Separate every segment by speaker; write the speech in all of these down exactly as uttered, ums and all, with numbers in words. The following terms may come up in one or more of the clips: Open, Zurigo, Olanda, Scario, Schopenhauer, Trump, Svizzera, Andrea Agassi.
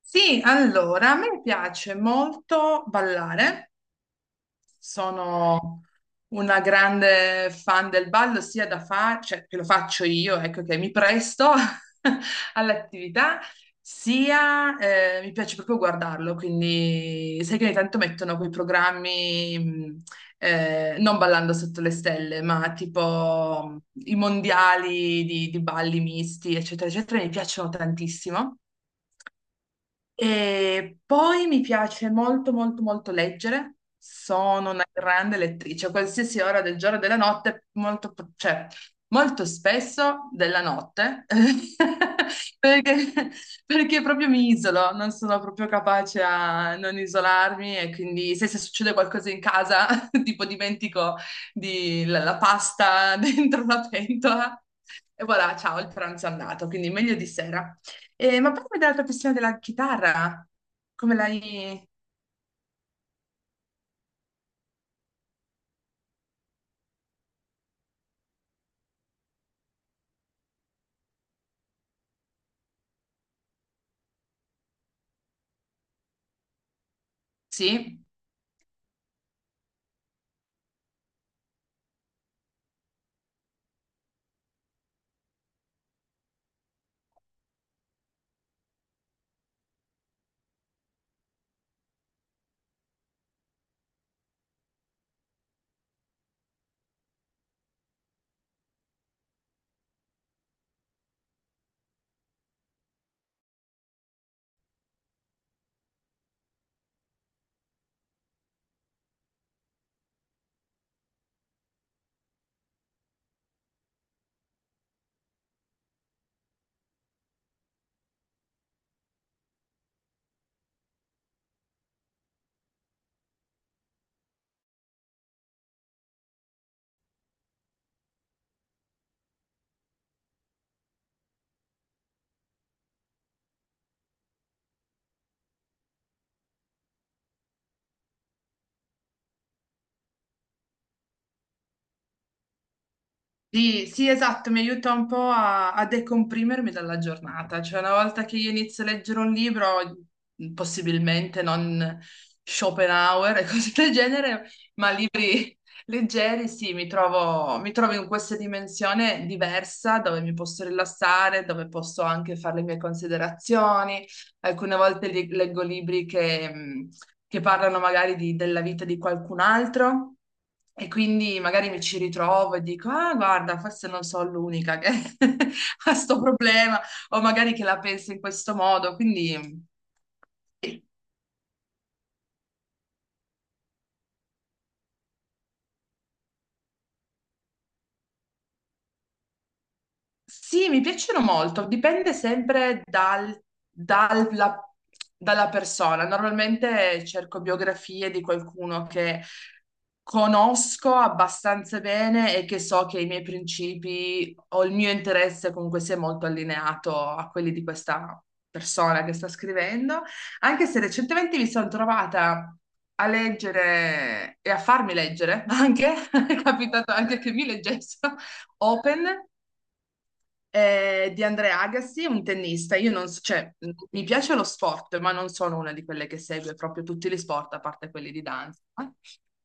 Speaker 1: Sì, allora, a me piace molto ballare. Sono una grande fan del ballo, sia da fa- cioè, che lo faccio io, ecco che mi presto all'attività, sia eh, mi piace proprio guardarlo, quindi sai che ogni tanto mettono quei programmi, mh, eh, non ballando sotto le stelle, ma tipo mh, i mondiali di, di balli misti, eccetera, eccetera, mi piacciono tantissimo. E poi mi piace molto, molto, molto leggere. Sono una grande lettrice, a qualsiasi ora del giorno e della notte, molto, po- cioè, molto spesso della notte, perché, perché proprio mi isolo, non sono proprio capace a non isolarmi e quindi se, se succede qualcosa in casa, tipo dimentico di- la, la pasta dentro la pentola, e voilà, ciao, il pranzo è andato, quindi meglio di sera. Eh, ma parlami della tua passione della chitarra, come l'hai. Sì, sì, sì, esatto, mi aiuta un po' a, a decomprimermi dalla giornata, cioè una volta che io inizio a leggere un libro, possibilmente non Schopenhauer e cose del genere, ma libri leggeri, sì, mi trovo, mi trovo in questa dimensione diversa dove mi posso rilassare, dove posso anche fare le mie considerazioni. Alcune volte li- leggo libri che... mh, che parlano magari di- della vita di qualcun altro e quindi magari mi ci ritrovo e dico, ah, guarda, forse non sono l'unica che ha sto problema o magari che la pensa in questo modo, quindi. Sì, mi piacciono molto, dipende sempre dal- dalla, dalla persona. Normalmente cerco biografie di qualcuno che conosco abbastanza bene e che so che i miei principi o il mio interesse comunque sia molto allineato a quelli di questa persona che sta scrivendo, anche se recentemente mi sono trovata a leggere e a farmi leggere anche, è capitato anche che mi leggessero Open eh, di Andrea Agassi, un tennista. Io non so, cioè, mh, mi piace lo sport, ma non sono una di quelle che segue proprio tutti gli sport, a parte quelli di danza, no?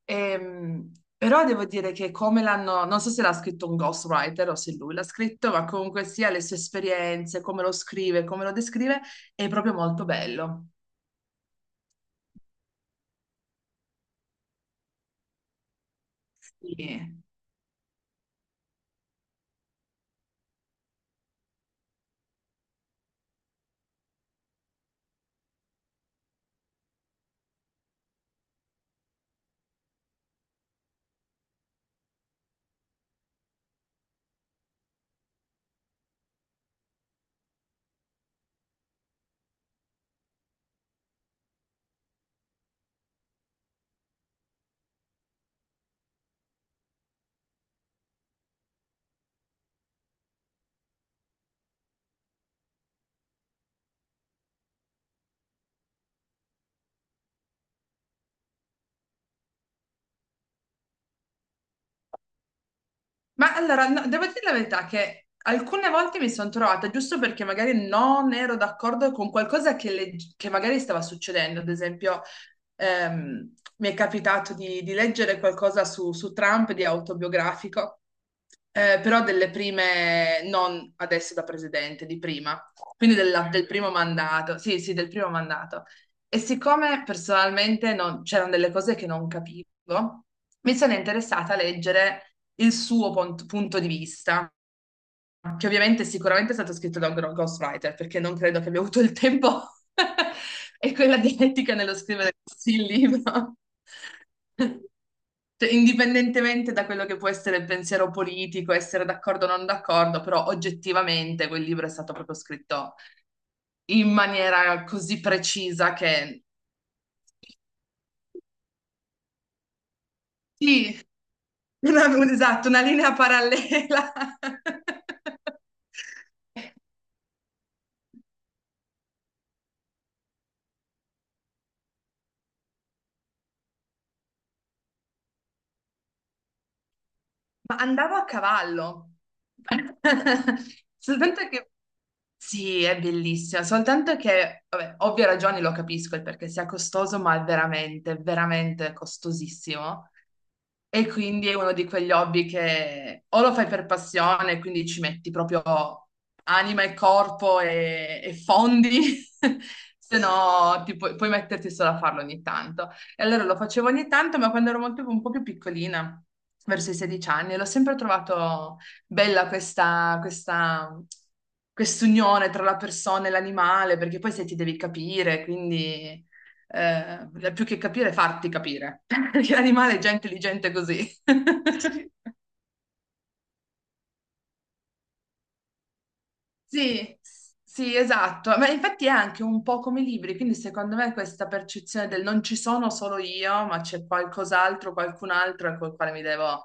Speaker 1: Ehm, però devo dire che come l'hanno, non so se l'ha scritto un ghostwriter o se lui l'ha scritto, ma comunque sia le sue esperienze, come lo scrive, come lo descrive, è proprio molto bello. Sì. Ma allora, no, devo dire la verità che alcune volte mi sono trovata, giusto perché magari non ero d'accordo con qualcosa che, legg- che magari stava succedendo, ad esempio, ehm, mi è capitato di, di leggere qualcosa su, su Trump di autobiografico. Eh, però delle prime, non adesso da presidente, di prima, quindi della- del primo mandato, sì, sì, del primo mandato. E siccome personalmente non- c'erano delle cose che non capivo, mi sono interessata a leggere il suo pon- punto di vista, che ovviamente sicuramente è stato scritto da un gro- ghostwriter, perché non credo che abbia avuto il tempo e quella dialettica nello scrivere il libro. Cioè, indipendentemente da quello che può essere il pensiero politico, essere d'accordo o non d'accordo, però oggettivamente quel libro è stato proprio scritto in maniera così precisa che sì, una, un- esatto, una linea parallela. Ma andavo a cavallo. Soltanto che sì, è bellissima, soltanto che, vabbè, ovvie ragioni lo capisco, il perché sia costoso, ma è veramente, veramente costosissimo. E quindi è uno di quegli hobby che o lo fai per passione, quindi ci metti proprio anima e corpo e, e fondi, se no ti puoi, puoi metterti solo a farlo ogni tanto. E allora lo facevo ogni tanto, ma quando ero molto, un po' più piccolina, verso i sedici anni, l'ho sempre trovato bella questa, questa, quest'unione tra la persona e l'animale, perché poi se ti devi capire, quindi eh, più che capire, farti capire, perché l'animale è già intelligente così. Sì, s- sì, esatto, ma infatti è anche un po' come i libri, quindi secondo me questa percezione del non ci sono solo io, ma c'è qualcos'altro, qualcun altro col quale mi devo,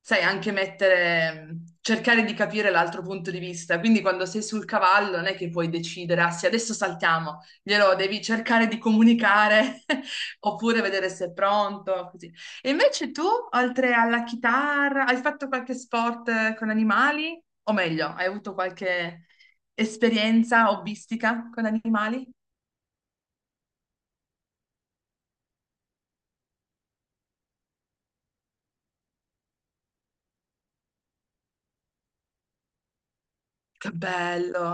Speaker 1: sai, anche mettere, mhmm, cercare di capire l'altro punto di vista. Quindi quando sei sul cavallo non è che puoi decidere, ah sì, adesso saltiamo, glielo devi cercare di comunicare oppure vedere se è pronto, così. E invece tu, oltre alla chitarra, hai fatto qualche sport eh, con animali? O meglio, hai avuto qualche esperienza hobbistica con animali? Che bello!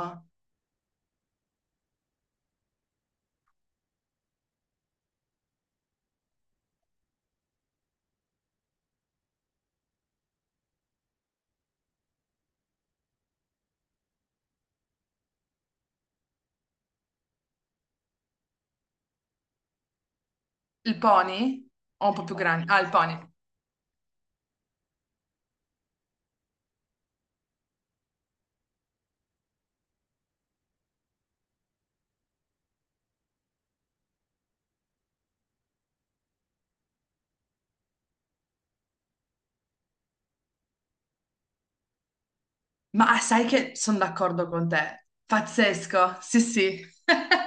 Speaker 1: Il pony? O un po' più grande? Ah, il pony. Ma sai che sono d'accordo con te. Pazzesco, sì, sì.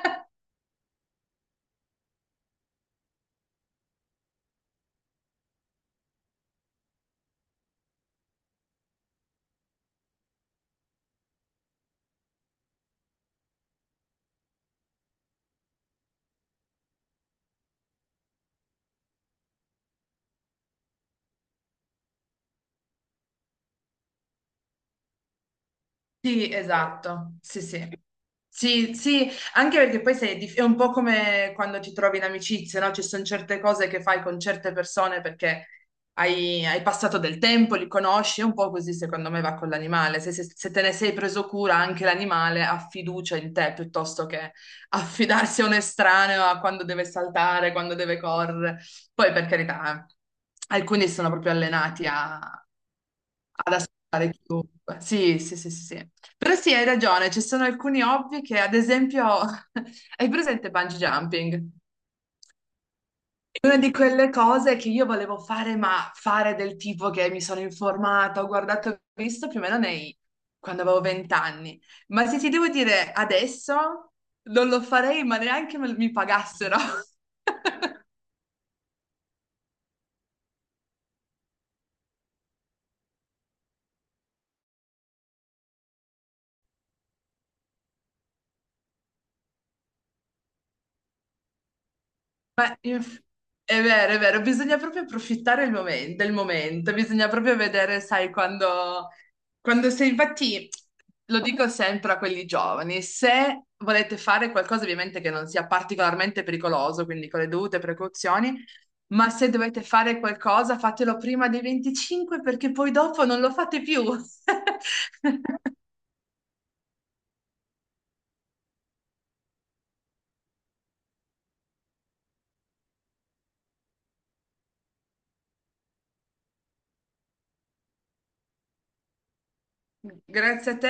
Speaker 1: Sì, esatto, sì, sì. Sì, sì, anche perché poi sei dif- è un po' come quando ti trovi in amicizia, no? Ci sono certe cose che fai con certe persone perché hai, hai passato del tempo, li conosci, è un po' così secondo me va con l'animale. Se, se- se te ne sei preso cura, anche l'animale ha fiducia in te piuttosto che affidarsi a un estraneo a quando deve saltare, quando deve correre. Poi, per carità, eh, alcuni sono proprio allenati ad ascoltare chiunque. Sì, sì, sì, sì. sì. Però sì, hai ragione, ci sono alcuni hobby che, ad esempio, hai presente bungee jumping? È una di quelle cose che io volevo fare, ma fare del tipo che mi sono informata, ho guardato e visto più o meno nei quando avevo vent'anni. Ma se ti devo dire adesso, non lo farei, ma neanche me- mi pagassero. Ma inf- è vero, è vero, bisogna proprio approfittare il momen- del momento, bisogna proprio vedere, sai, quando, quando, sei, infatti, lo dico sempre a quelli giovani, se volete fare qualcosa ovviamente che non sia particolarmente pericoloso, quindi con le dovute precauzioni, ma se dovete fare qualcosa, fatelo prima dei venticinque perché poi dopo non lo fate più. Grazie a te.